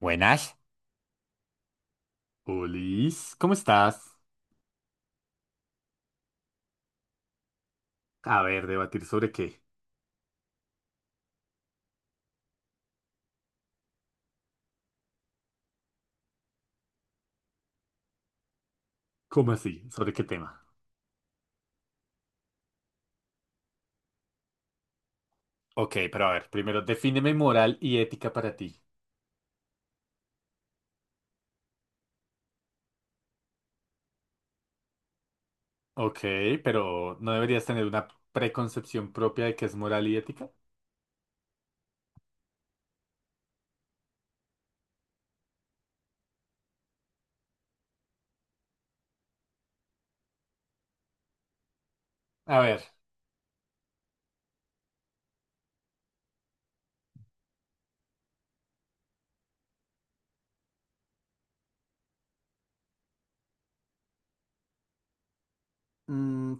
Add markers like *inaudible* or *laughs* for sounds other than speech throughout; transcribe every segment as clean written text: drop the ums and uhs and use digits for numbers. Buenas. Olis, ¿cómo estás? A ver, debatir sobre qué. ¿Cómo así? ¿Sobre qué tema? Ok, pero a ver, primero defíneme moral y ética para ti. Ok, pero ¿no deberías tener una preconcepción propia de qué es moral y ética? A ver. mm,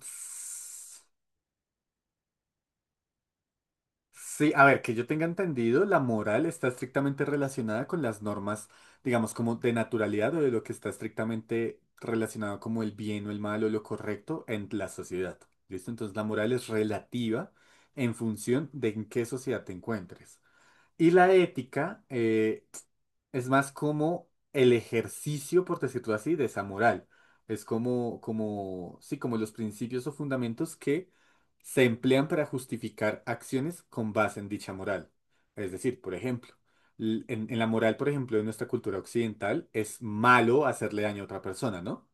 Sí, a ver, que yo tenga entendido, la moral está estrictamente relacionada con las normas, digamos, como de naturalidad o de lo que está estrictamente relacionado como el bien o el mal o lo correcto en la sociedad. ¿Listo? Entonces la moral es relativa en función de en qué sociedad te encuentres. Y la ética es más como el ejercicio, por decirlo así, de esa moral. Es como, sí, como los principios o fundamentos que se emplean para justificar acciones con base en dicha moral. Es decir, por ejemplo, en la moral, por ejemplo, de nuestra cultura occidental, es malo hacerle daño a otra persona, ¿no?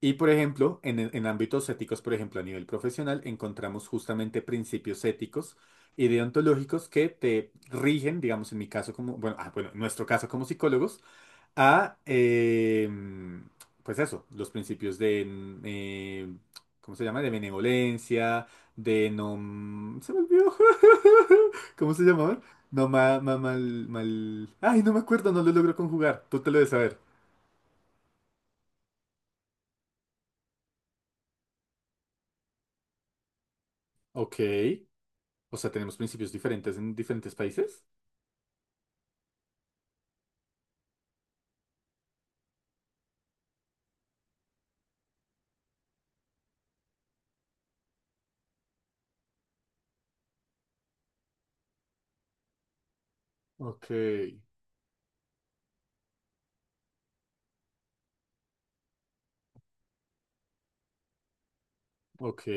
Y por ejemplo, en ámbitos éticos, por ejemplo, a nivel profesional, encontramos justamente principios éticos y deontológicos que te rigen, digamos, en mi caso como, bueno, en nuestro caso como psicólogos, a, eh, pues eso, los principios de, ¿cómo se llama? De benevolencia, de no... mm, se me olvidó. *laughs* ¿Cómo se llamaba? No, mal, mal... Ay, no me acuerdo, no lo logro conjugar. Tú te lo debes saber. Ok. O sea, tenemos principios diferentes en diferentes países. Ok, ok.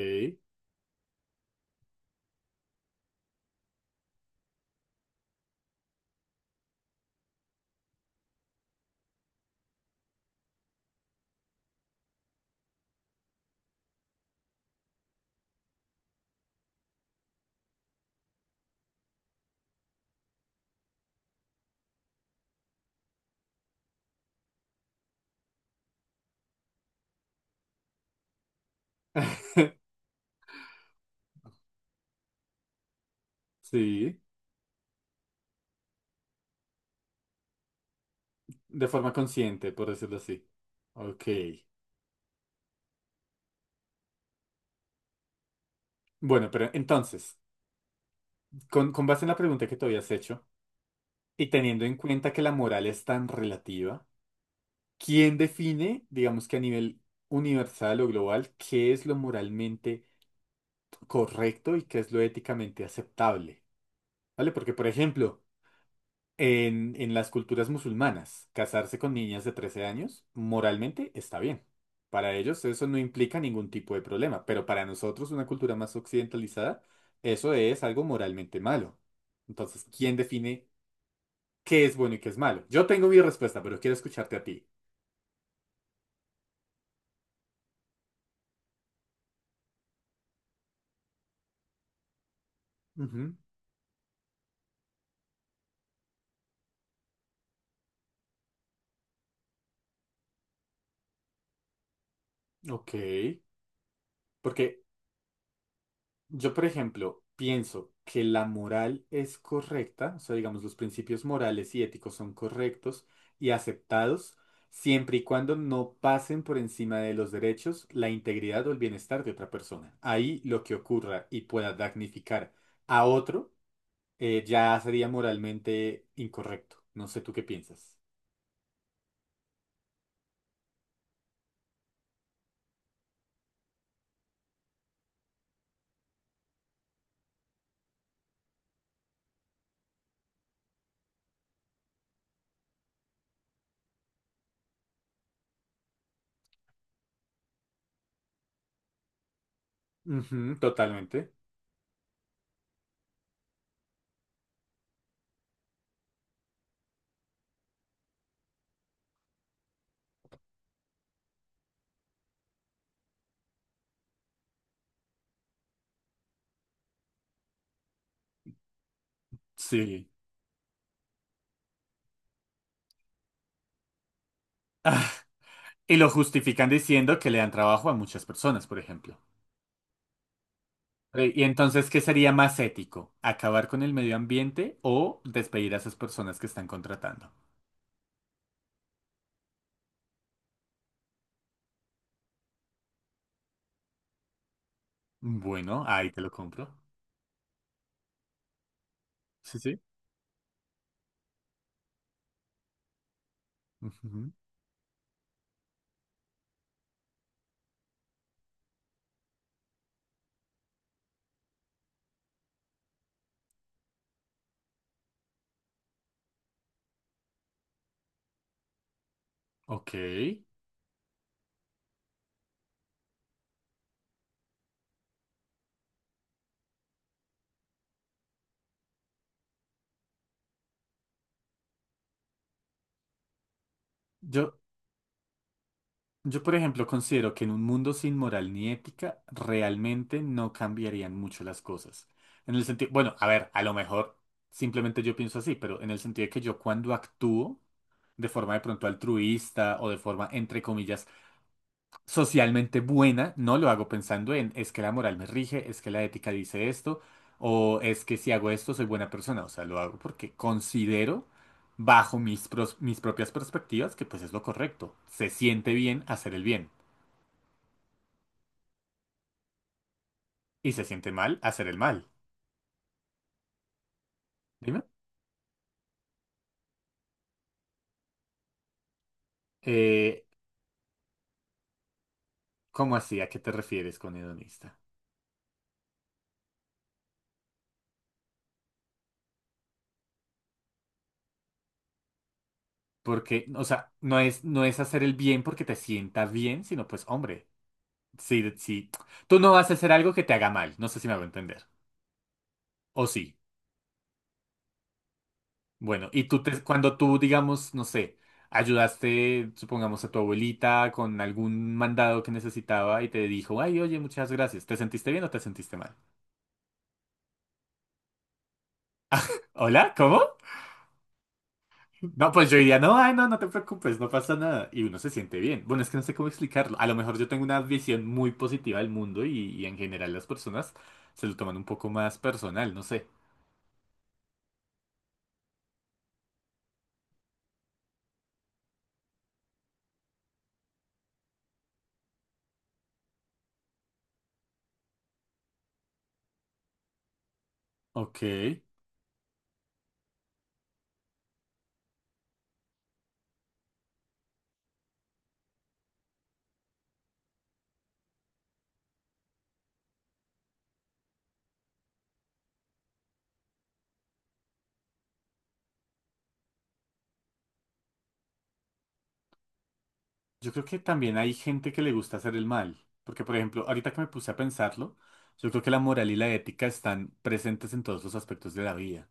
*laughs* Sí, de forma consciente, por decirlo así. Ok. Bueno, pero entonces, con base en la pregunta que te habías hecho y teniendo en cuenta que la moral es tan relativa, ¿quién define, digamos que a nivel universal o global, qué es lo moralmente correcto y qué es lo éticamente aceptable? ¿Vale? Porque, por ejemplo, en las culturas musulmanas, casarse con niñas de 13 años moralmente está bien. Para ellos eso no implica ningún tipo de problema, pero para nosotros, una cultura más occidentalizada, eso es algo moralmente malo. Entonces, ¿quién define qué es bueno y qué es malo? Yo tengo mi respuesta, pero quiero escucharte a ti. Ujú, ok. Porque por ejemplo, pienso que la moral es correcta, o sea, digamos, los principios morales y éticos son correctos y aceptados siempre y cuando no pasen por encima de los derechos, la integridad o el bienestar de otra persona. Ahí lo que ocurra y pueda damnificar a otro ya sería moralmente incorrecto. No sé tú qué piensas. Ujú, totalmente. Sí. Y lo justifican diciendo que le dan trabajo a muchas personas, por ejemplo. Y entonces, ¿qué sería más ético? ¿Acabar con el medio ambiente o despedir a esas personas que están contratando? Bueno, ahí te lo compro. Sí, sí. Ujú. Ok. Yo, yo, por ejemplo, considero que en un mundo sin moral ni ética, realmente no cambiarían mucho las cosas. En el sentido, bueno, a ver, a lo mejor simplemente yo pienso así, pero en el sentido de que yo cuando actúo de forma de pronto altruista o de forma, entre comillas, socialmente buena, no lo hago pensando en es que la moral me rige, es que la ética dice esto, o es que si hago esto soy buena persona. O sea, lo hago porque considero, bajo mis propias perspectivas, que pues es lo correcto. Se siente bien hacer el bien y se siente mal hacer el mal. Dime. Eh, ¿Cómo así? ¿A qué te refieres con hedonista? Porque, o sea, no es, no es hacer el bien porque te sienta bien, sino pues, hombre, si tú no vas a hacer algo que te haga mal, no sé si me hago entender. O sí. Bueno, y cuando tú, digamos, no sé, ayudaste, supongamos, a tu abuelita con algún mandado que necesitaba y te dijo, ay, oye, muchas gracias, ¿te sentiste bien o te sentiste mal? ¿Hola? ¿Cómo? No, pues yo diría, no, ay, no, no te preocupes, no pasa nada. Y uno se siente bien. Bueno, es que no sé cómo explicarlo. A lo mejor yo tengo una visión muy positiva del mundo y en general las personas se lo toman un poco más personal, no sé. Ok. Yo creo que también hay gente que le gusta hacer el mal, porque por ejemplo, ahorita que me puse a pensarlo, yo creo que la moral y la ética están presentes en todos los aspectos de la vida.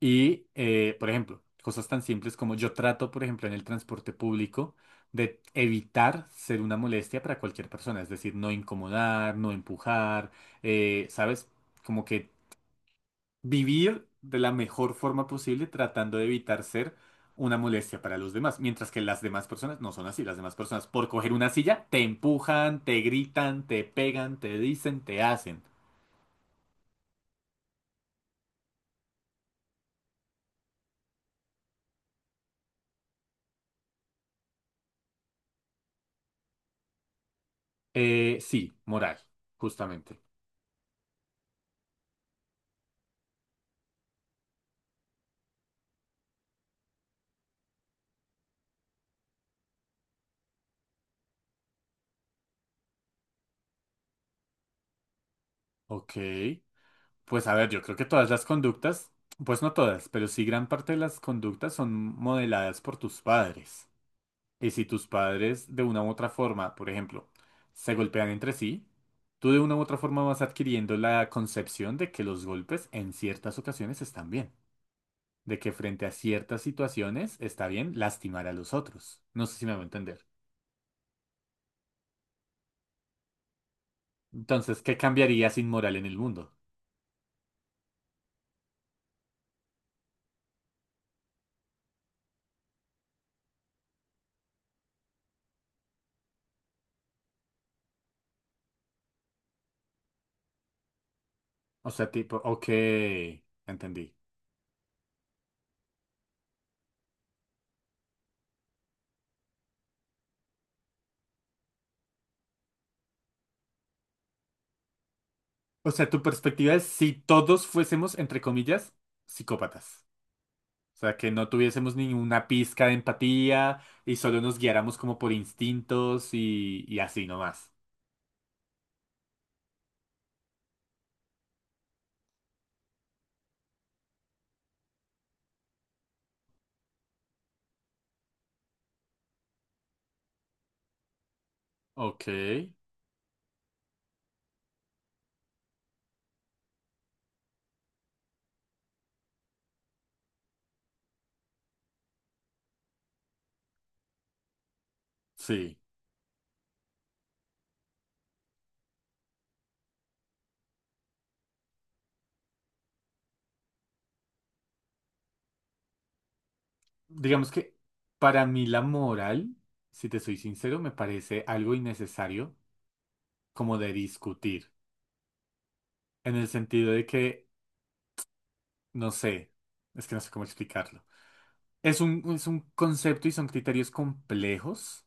Por ejemplo, cosas tan simples como yo trato, por ejemplo, en el transporte público de evitar ser una molestia para cualquier persona, es decir, no incomodar, no empujar, ¿sabes? Como que vivir de la mejor forma posible, tratando de evitar ser una molestia para los demás, mientras que las demás personas no son así. Las demás personas, por coger una silla, te empujan, te gritan, te pegan, te dicen, te hacen. Sí, moral, justamente. Ok, pues a ver, yo creo que todas las conductas, pues no todas, pero sí gran parte de las conductas son modeladas por tus padres. Y si tus padres de una u otra forma, por ejemplo, se golpean entre sí, tú de una u otra forma vas adquiriendo la concepción de que los golpes en ciertas ocasiones están bien, de que frente a ciertas situaciones está bien lastimar a los otros. No sé si me voy a entender. Entonces, ¿qué cambiaría sin moral en el mundo? O sea, tipo, ok, entendí. O sea, tu perspectiva es si todos fuésemos, entre comillas, psicópatas. O sea, que no tuviésemos ninguna pizca de empatía y solo nos guiáramos como por instintos y así nomás. Ok, sí. Digamos que para mí la moral, si te soy sincero, me parece algo innecesario como de discutir. En el sentido de que, no sé, es que no sé cómo explicarlo. Es un concepto y son criterios complejos.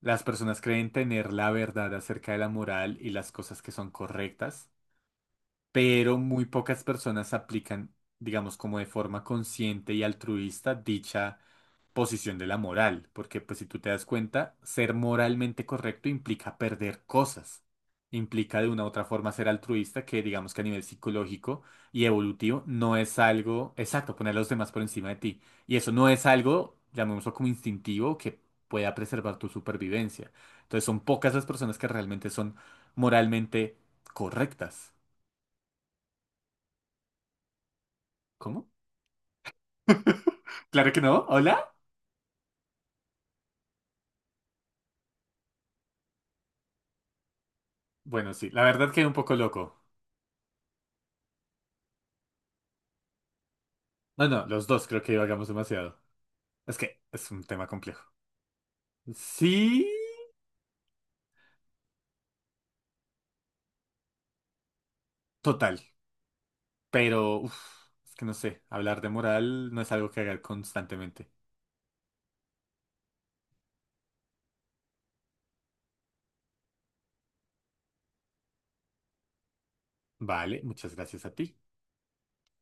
Las personas creen tener la verdad acerca de la moral y las cosas que son correctas. Pero muy pocas personas aplican, digamos, como de forma consciente y altruista dicha posición de la moral, porque pues si tú te das cuenta, ser moralmente correcto implica perder cosas, implica de una u otra forma ser altruista, que digamos que a nivel psicológico y evolutivo no es algo, exacto, poner a los demás por encima de ti, y eso no es algo, llamémoslo como instintivo, que pueda preservar tu supervivencia. Entonces son pocas las personas que realmente son moralmente correctas. ¿Cómo? Claro que no. ¿Hola? Bueno, sí, la verdad que un poco loco. No, no, los dos creo que divagamos demasiado. Es que es un tema complejo. Sí, total. Pero, uf, es que no sé, hablar de moral no es algo que haga constantemente. Vale, muchas gracias a ti.